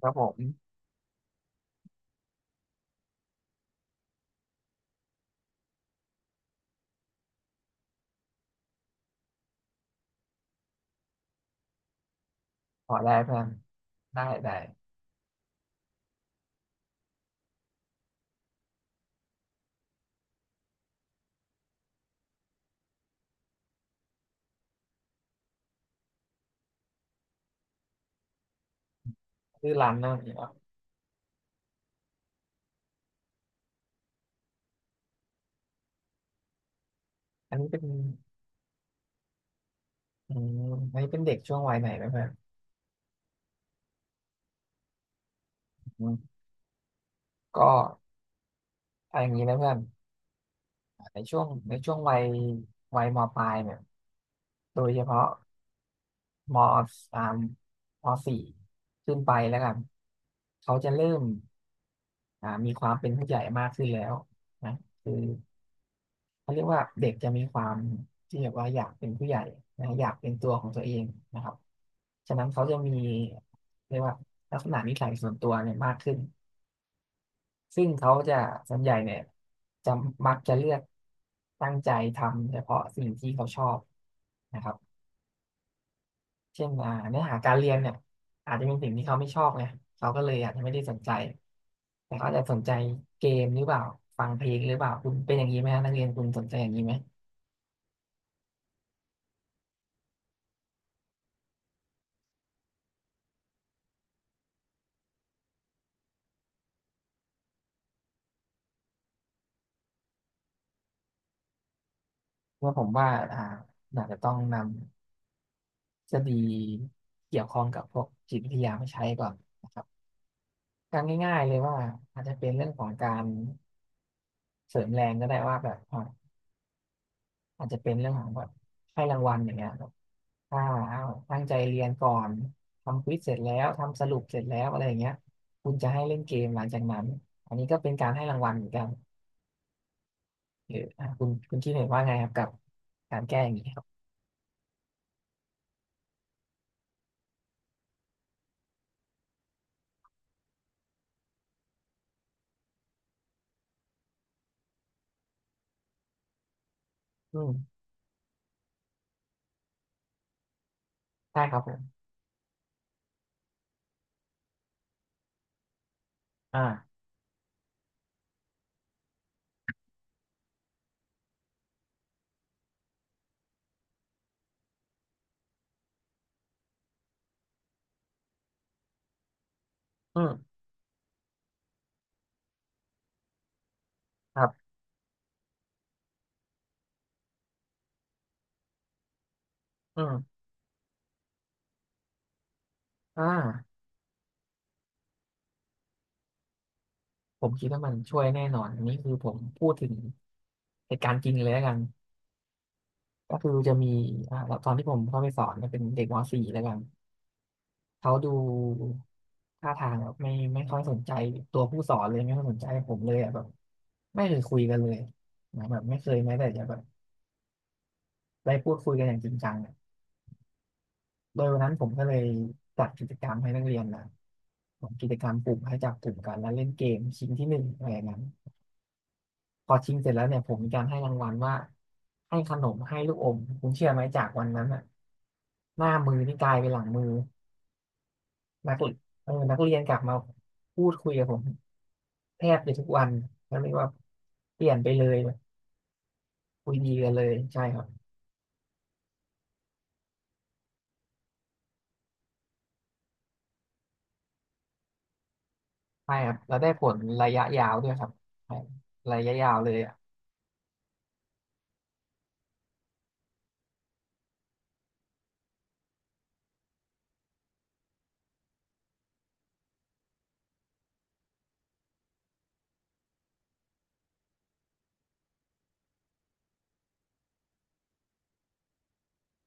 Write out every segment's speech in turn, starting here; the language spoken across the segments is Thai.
ครับผมขอได้เพื่อนได้ได้ชื่อร้านนั่นเหรออันนี้เป็นอืมอันนี้เป็นเด็กช่วงวัยไหนนะเพื่อนอืมก็เอาอย่างนี้นะเพื่อนในช่วงวัยวัยมปลายเนี่ยโดยเฉพาะมสามมสี่ขึ้นไปแล้วกันเขาจะเริ่มมีความเป็นผู้ใหญ่มากขึ้นแล้วนะคือ เขาเรียกว่าเด็กจะมีความที่แบบว่าอยากเป็นผู้ใหญ่นะอยากเป็นตัวของตัวเองนะครับฉะนั้นเขาจะมีเรียกว่าลักษณะนิสัยส่วนตัวเนี่ยมากขึ้นซึ่งเขาจะส่วนใหญ่เนี่ยจะมักจะเลือกตั้งใจทำเฉพาะสิ่งที่เขาชอบนะครับเช่นเนื้อหาการเรียนเนี่ยอาจจะเป็นสิ่งที่เขาไม่ชอบไงเขาก็เลยอาจจะไม่ได้สนใจ แต่เขาอาจจะสนใจเกมหรือเปล่าฟังเพลงหรือเปล่าคุณเป็นอย่างนี้ไหมฮะนักเรียนคุณสนใจอย่างนี้ไหม ว่าผมว่าอาจจะต้องนำทฤษฎีเกี่ยวข้องกับพวกจิตวิทยามาใช้ก่อนนะครับการง่ายๆเลยว่าอาจจะเป็นเรื่องของการเสริมแรงก็ได้ว่าแบบอาจจะเป็นเรื่องของแบบให้รางวัลอย่างเงี้ยแบบถ้าเอาตั้งใจเรียนก่อนทำควิซเสร็จแล้วทำสรุปเสร็จแล้วอะไรอย่างเงี้ยคุณจะให้เล่นเกมหลังจากนั้นอันนี้ก็เป็นการให้รางวัลเหมือนกันหรือคุณคิดเห็นว่าไงครับกับการแก้อย่างนี้ครับอืมได้ครับผมอ่าอืมครับอืมอ่า ผมคิดว่ามันช่วยแน่นอน อันนี้คือผมพูดถึงเหตุการณ์จริงเลยแล้วกันก็คือจะมีอ่าตอนที่ผมเข้าไปสอนเนี่ยเป็นเด็กมสี่แล้วกันเขาดูท่าทางแบบไม่ค่อยสนใจตัวผู้สอนเลยไม่ค่อยสนใจผมเลยอ่ะแบบไม่เคยคุยกันเลยนะแบบไม่เคยแม้แต่จะแบบได้พูดคุยกันอย่างจริงจังอะโดยวันนั้นผมก็เลยจัดกิจกรรมให้นักเรียนนะผมกิจกรรมกลุ่มให้จับกลุ่มกันแล้วเล่นเกมชิงที่หนึ่งอะไรอย่างนั้น พอชิงเสร็จแล้วเนี่ยผมมีการให้รางวัลว่าให้ขนมให้ลูกอมคุณเชื่อไหมจากวันนั้นอ่ะหน้ามือนี่กลายเป็นหลังมือนักเรียนเออนักเรียนกลับมาพูดคุยกับผมแทบจะทุกวันแล้วเรียกว่าเปลี่ยนไปเลยคุยดีกันเลยใช่ครับใช่ครับแล้วได้ผลระยะยาวด้วยครับใช่ระยะยาวเลยอ่ะ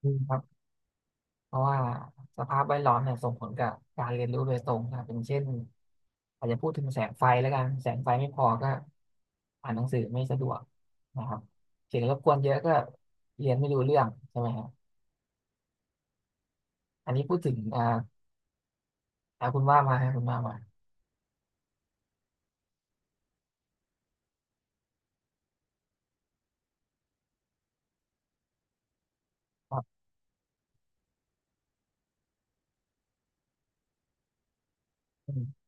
อืมครับ เพราะว่าสภาพแวดล้อมเนี่ยส่งผลกับการเรียนรู้โดยตรงนะครับอย่างเช่นอาจจะพูดถึงแสงไฟแล้วกันแสงไฟไม่พอก็อ่านหนังสือไม่สะดวกนะครับเสียงรบกวนเยอะก็เรียนไม่รู้เรื่องใช่ไหมครับอันนี้พูดถึงอ่าคุณว่ามาให้คุณว่ามาครับอืม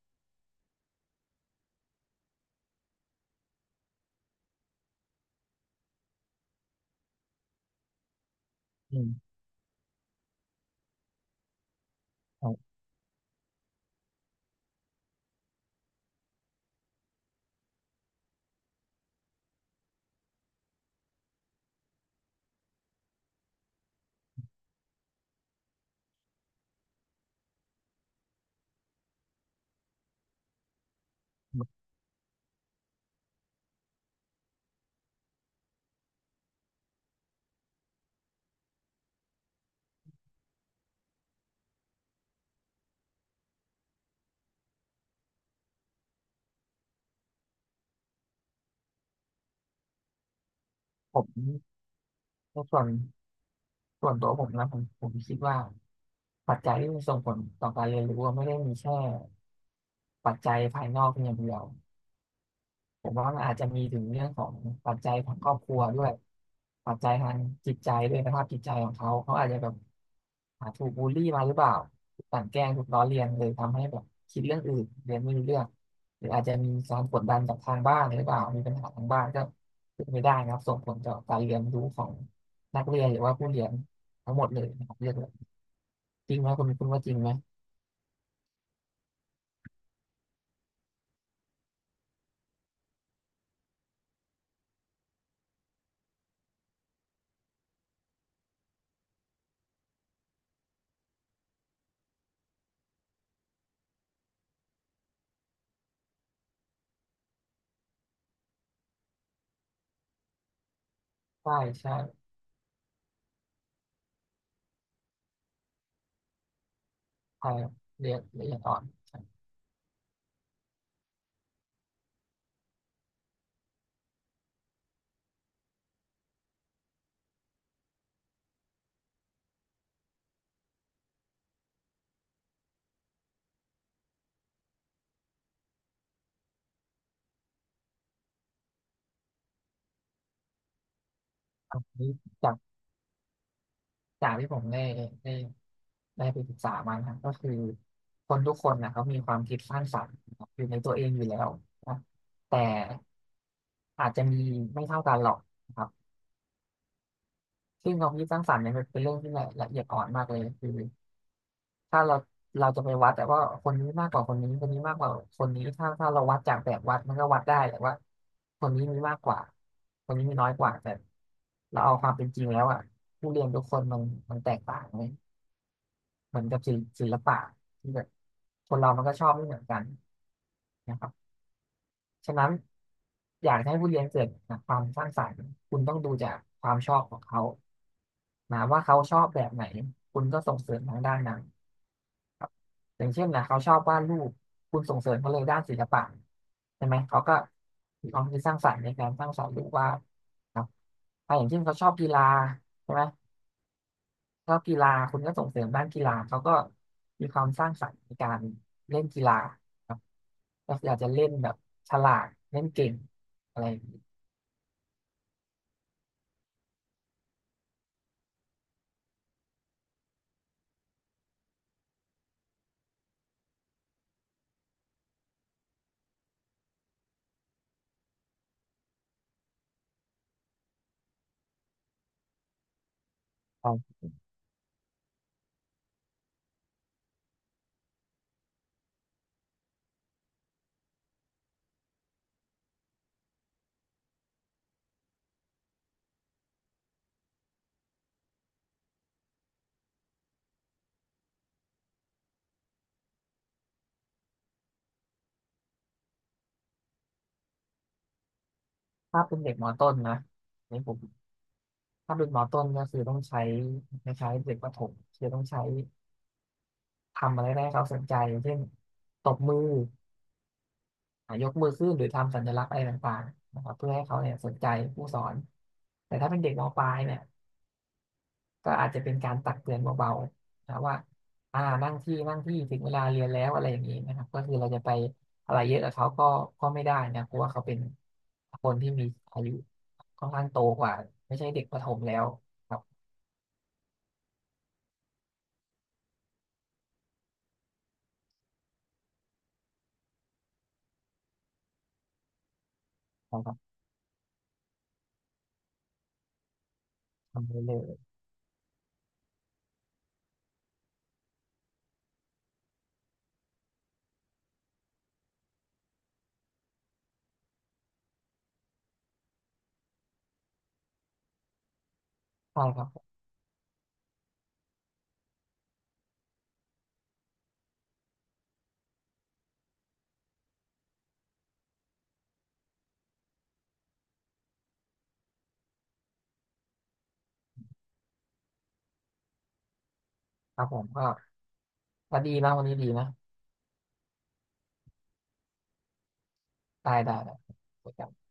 อืมครับผมในส่วนส่วนตัวผมนะผมคิดว่าปัจจัยที่มันส่งผลต่อการเรียนรู้อะไม่ได้มีแค่ปัจจัยภายนอกเพียงอย่างเดียว ผมว่ามันอาจจะมีถึงเรื่องของปัจจัยของครอบครัวด้วยปัจจัยทางจิตใจด้วยสภาพจิตใจของเขาเขาอาจจะแบบอาถูกบูลลี่มาหรือเปล่าถูกกลั่นแกล้งถูกล้อเลียนเลยทำให้แบบคิดเรื่องอื่นเรียนไม่รู้เรื่องหรืออาจจะมีการกดดันจากทางบ้านหรือเปล่ามีปัญหาทางบ้านก็เป็นไปได้นะครับส่งผลต่อการเรียนรู้ของนักเรียนหรือว่าผู้เรียนทั้งหมดเลยนะครับเรียกเลยจริงไหมคุณว่าจริงไหมใช่ใช่ใช่เรียนละเอียดอ่อนใช่อันนี้จาก จากที่ผมได้ได้ได้ไปศึกษามานะครับก็คือคนทุกคนนะเขามีความคิดสร้างสรรค์นะครับอยู่ในตัวเองอยู่แล้วนะแต่อาจจะมีไม่เท่ากันหรอกนะครับซึ่งความคิดสร้างสรรค์เนี่ยมันเป็นเรื่องที่ละเอียดอ่อนมากเลยคือถ้าเราเราจะไปวัดแต่ว่าคนนี้มากกว่าคนนี้คนนี้มากกว่าคนนี้ถ้าเราวัดจากแบบวัดมันก็วัดได้แต่ว่าคนนี้มีมากกว่าคนนี้มีน้อยกว่าแต่เราเอาความเป็นจริงแล้วอ่ะผู้เรียนทุกคนมันแตกต่างไห เหมือนกับศิลป์ศิลปะที่แบบคนเรามันก็ชอบไม่เหมือนกันนะครับฉะนั้นอยากให้ผู้เรียนเกิดความสร้างสรรค์คุณต้องดูจากความชอบของเขานะว่าเขาชอบแบบไหนคุณก็ส่งเสริมทางด้านนั้นครับอย่างเช่นนะเขาชอบวาดรูปคุณส่งเสริมเขาเลยด้านศิลปะใช่ไหมเขาก็มีความคิดสร้างสรรค์ในการสร้างสรรค์รูปวาดครับอ่ะอย่างเช่นเขาชอบกีฬาใช่ไหม ชอบกีฬาคุณก็ส่งเสริมด้านกีฬาเขาก็มีความสร้างสรรค์ในการเล่นกีฬาครับก็คืออาจจะเล่นแบบฉลาดเล่นเก่งอะไรอย่างนี้ครับถ้าเป็นเด็กมต้นนะในผมถ้าเป็นมต้นก็คือต้องใช้คล้ายๆเด็กประถมคือต้องใช้ทำอะไรได้ให้เขาสนใจอย่างเช่นตบมืออ่ะยกมือขึ้นหรือทำสัญลักษณ์อะไรต่างๆนะครับเพื่อให้เขาเนี่ยสนใจผู้สอนแต่ถ้าเป็นเด็กมปลายเนี่ย ก็อาจจะเป็นการตักเตือนเบาๆนะว่าอ่านั่งที่นั่งที่ถึงเวลาเรียนแล้วอะไรอย่างนี้นะครับก็คือเราจะไปอะไรเยอะกับเขาก็ไม่ได้นะเพราะว่าเขาเป็นคนที่มีอายุค่อนข้างโตกว่าไม่ใช่เด็กประถมแล้วครับครับทำได้เลยใช่ครับครับผมก็ก็ดีนะวันนี้ดีนะได้